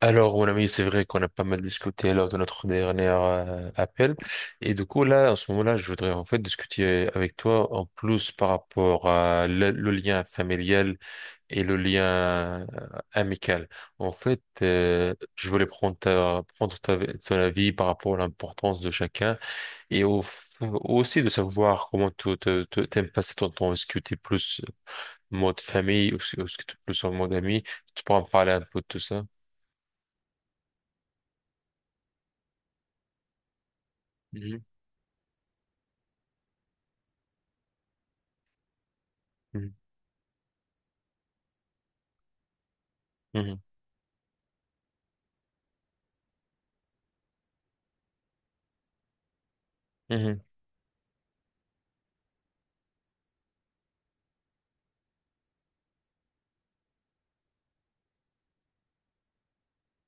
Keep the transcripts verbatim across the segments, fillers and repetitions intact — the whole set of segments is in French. Alors, mon ami, c'est vrai qu'on a pas mal discuté lors de notre dernier euh, appel. Et du coup, là, en ce moment-là, je voudrais en fait discuter avec toi en plus par rapport à le, le lien familial et le lien euh, amical. En fait, euh, je voulais prendre ta, prendre ta, ton avis par rapport à l'importance de chacun et au, f- aussi de savoir comment tu tu- tu- t'aimes passer ton temps. Est-ce que tu es plus mode famille ou est-ce que tu es plus en mode ami? Si tu pourras me parler un peu de tout ça? Mhm. Mhm. Mhm. Mhm.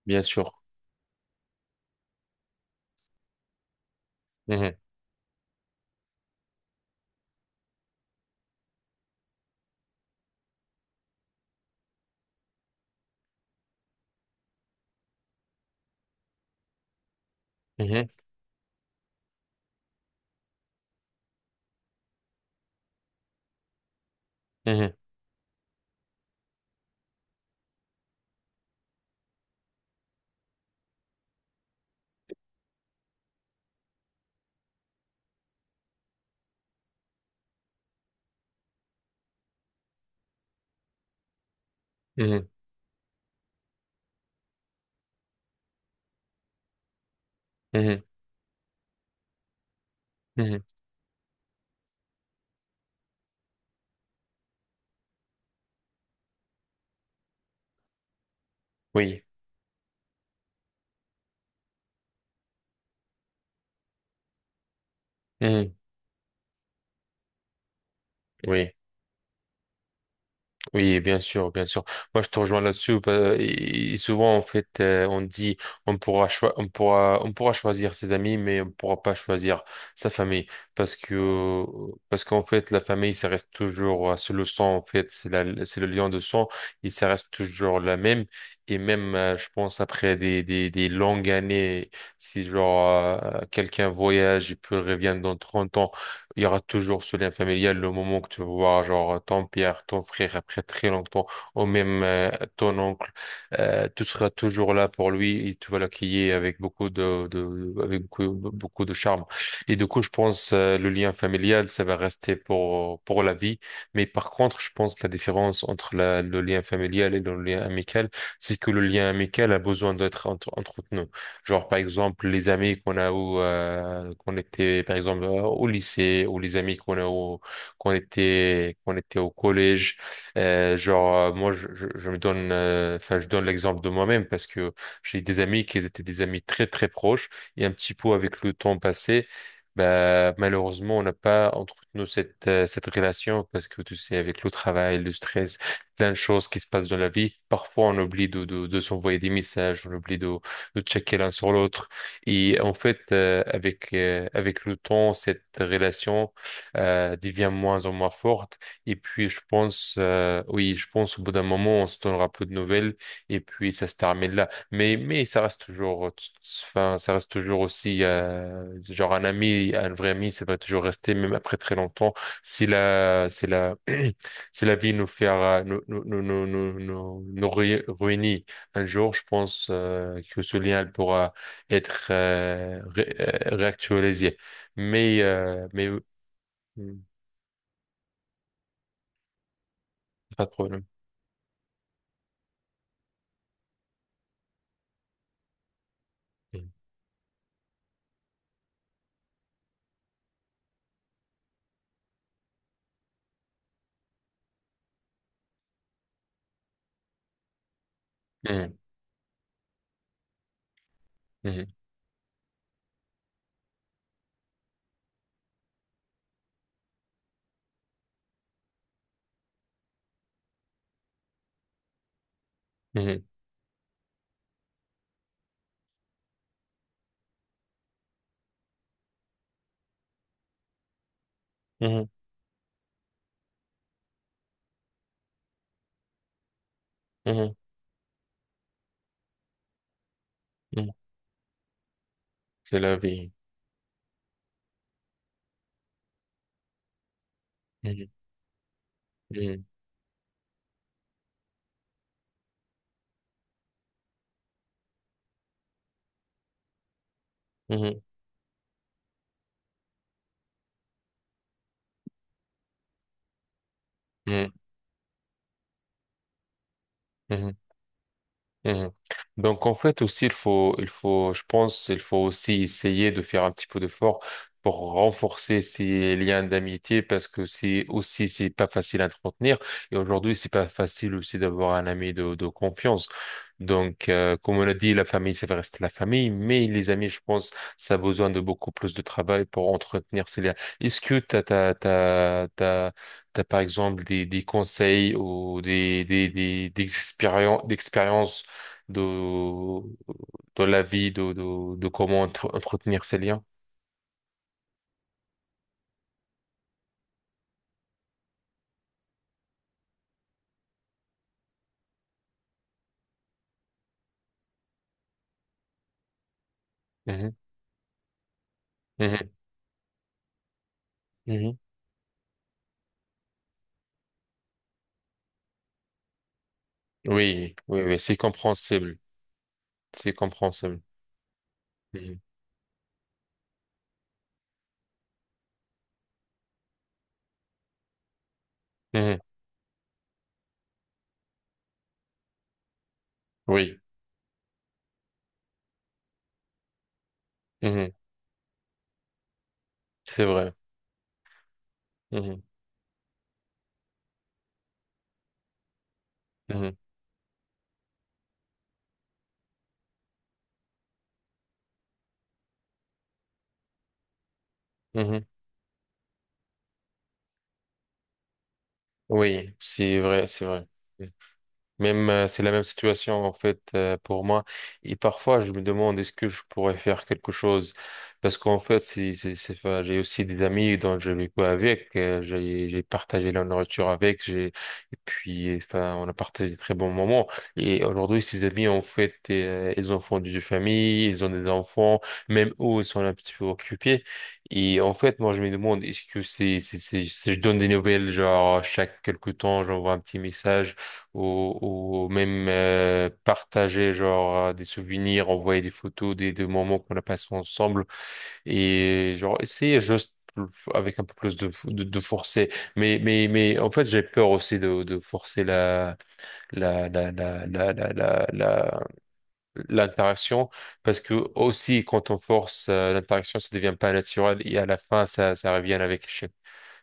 Bien sûr. Mhm. Mhm. Mhm. Mhm. Mhm. Mhm. Oui. Mhm. Oui. Oui, bien sûr, bien sûr. Moi, je te rejoins là-dessus. bah, Et et souvent, en fait, euh, on dit on pourra choi- on pourra on pourra choisir ses amis, mais on pourra pas choisir sa famille parce que euh, parce qu'en fait, la famille, ça reste toujours euh, c'est le sang en fait, c'est la c'est le lien de sang et ça reste toujours la même. Et même, euh, je pense après des des des longues années, si genre euh, quelqu'un voyage et puis revient dans trente ans. Il y aura toujours ce lien familial, le moment que tu vas voir, genre, euh, ton père, ton frère, après très longtemps, ou même euh, ton oncle, euh, tu seras toujours là pour lui et tu vas l'accueillir avec beaucoup de, de, avec beaucoup, beaucoup de charme. Et du coup, je pense, euh, le lien familial, ça va rester pour, pour la vie. Mais par contre, je pense la différence entre la, le lien familial et le lien amical, c'est que le lien amical a besoin d'être entre- entretenu. Genre, par exemple, les amis qu'on a au, euh, qu'on était, par exemple, euh, au lycée, ou les amis qu'on a au, qu'on était, qu'on était au collège. Euh, genre, euh, moi, je, je, je me donne, euh, enfin, je donne l'exemple de moi-même parce que j'ai des amis qui étaient des amis très, très proches et un petit peu avec le temps passé. Bah, malheureusement, on n'a pas entretenu cette, euh, cette relation parce que tu sais, avec le travail, le stress, plein de choses qui se passent dans la vie, parfois on oublie de, de, de s'envoyer des messages, on oublie de, de checker l'un sur l'autre. Et en fait, euh, avec euh, avec le temps, cette relation euh, devient moins en moins forte. Et puis, je pense, euh, oui, je pense au bout d'un moment, on se donnera peu de nouvelles. Et puis, ça se termine là. Mais mais ça reste toujours, euh, t- enfin, ça reste toujours aussi euh, genre un ami, un vrai ami, ça va toujours rester même après très longtemps. C'est la, c'est la si la vie nous fera, nous, nous, nous, nous, nous, nous- nous ré- réunit un jour, je pense euh, que ce lien elle pourra être euh, ré- euh, réactualisé. Mais, euh, mais mm, pas de problème. Mhm, mhm, mhm, mhm, mhm, mhm. Mhm. C'est la vie. Mhm, mhm, mhm, mhm, mhm. Mhm. Donc en fait aussi il faut il faut je pense il faut aussi essayer de faire un petit peu d'effort pour renforcer ces liens d'amitié parce que c'est aussi c'est pas facile à entretenir et aujourd'hui c'est pas facile aussi d'avoir un ami de, de confiance. Donc euh, comme on a dit la famille ça va rester la famille mais les amis je pense ça a besoin de beaucoup plus de travail pour entretenir ces liens. Est-ce que t'as t'as t'as t'as t'as par exemple des des conseils ou des des des des expérien- d'expériences de, de la vie, de, de, de comment entre- entretenir ces liens. Mhm, mhm, mhm. Oui, oui, oui, c'est compréhensible. C'est compréhensible. Mhm, mhm. Oui, mhm. C'est vrai. Mhm, mhm, mhm. Oui, c'est vrai, c'est vrai. Même euh, c'est la même situation en fait euh, pour moi. Et parfois je me demande est-ce que je pourrais faire quelque chose parce qu'en fait c'est c'est c'est enfin, j'ai aussi des amis dont je vécu avec, euh, j'ai j'ai partagé la nourriture avec, j'ai et puis enfin on a partagé de très bons moments. Et aujourd'hui ces amis en fait euh, ils ont fondé des familles, ils ont des enfants, même eux ils sont un petit peu occupés. Et en fait moi je me demande est-ce que c'est c'est c'est c'est- je donne des nouvelles genre chaque quelque temps j'envoie un petit message ou, ou même euh, partager genre euh, des souvenirs, envoyer des photos des, des moments qu'on a passés ensemble et genre essayer juste avec un peu plus de, fo- de, de forcer. Mais, mais, mais en fait, j'ai peur aussi de, de forcer la, la, la, la, la, la, la, la- l'interaction parce que aussi quand on force euh, l'interaction, ça devient pas naturel et à la fin, ça, ça revient avec échec.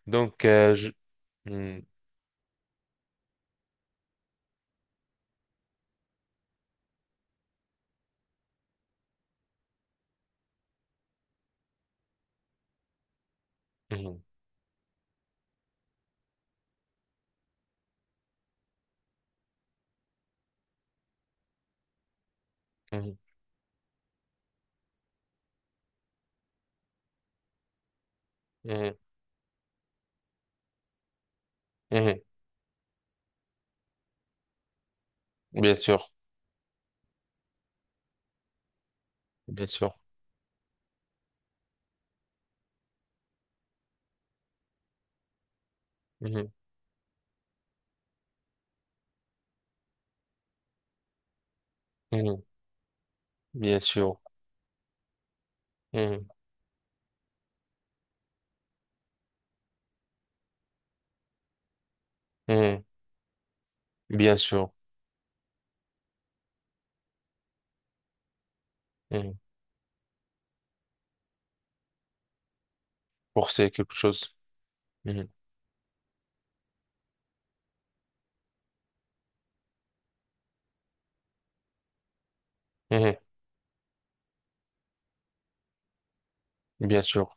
Donc, euh, je... Mhm, mhm, mhm, mhm, mhm. Bien sûr, bien sûr. Mhm, mhm, bien sûr. Mhm, mhm, bien sûr. Mhm, forcer quelque chose. Mhm, mhm, bien sûr.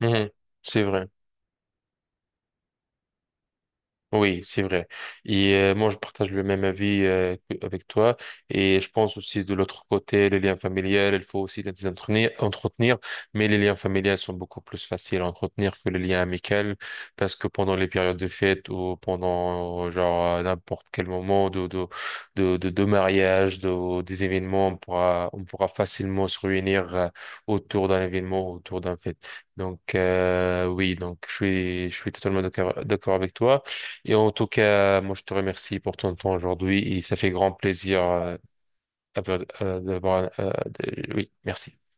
Mhm, mhm, c'est vrai. Oui, c'est vrai. Et euh, moi, je partage le même avis euh, que- avec toi. Et je pense aussi de l'autre côté, les liens familiaux, il faut aussi les entretenir, entretenir. Mais les liens familiaux sont beaucoup plus faciles à entretenir que les liens amicaux, parce que pendant les périodes de fête ou pendant euh, genre à n'importe quel moment de de de de, de mariage, de, des événements, on pourra on pourra facilement se réunir euh, autour d'un événement, autour d'un fête. Donc euh, oui, donc je suis je suis totalement d'accord d'accord avec toi. Et en tout cas, moi, je te remercie pour ton temps aujourd'hui et ça fait grand plaisir euh, avoir- euh, d'avoir... euh, de- Oui, merci.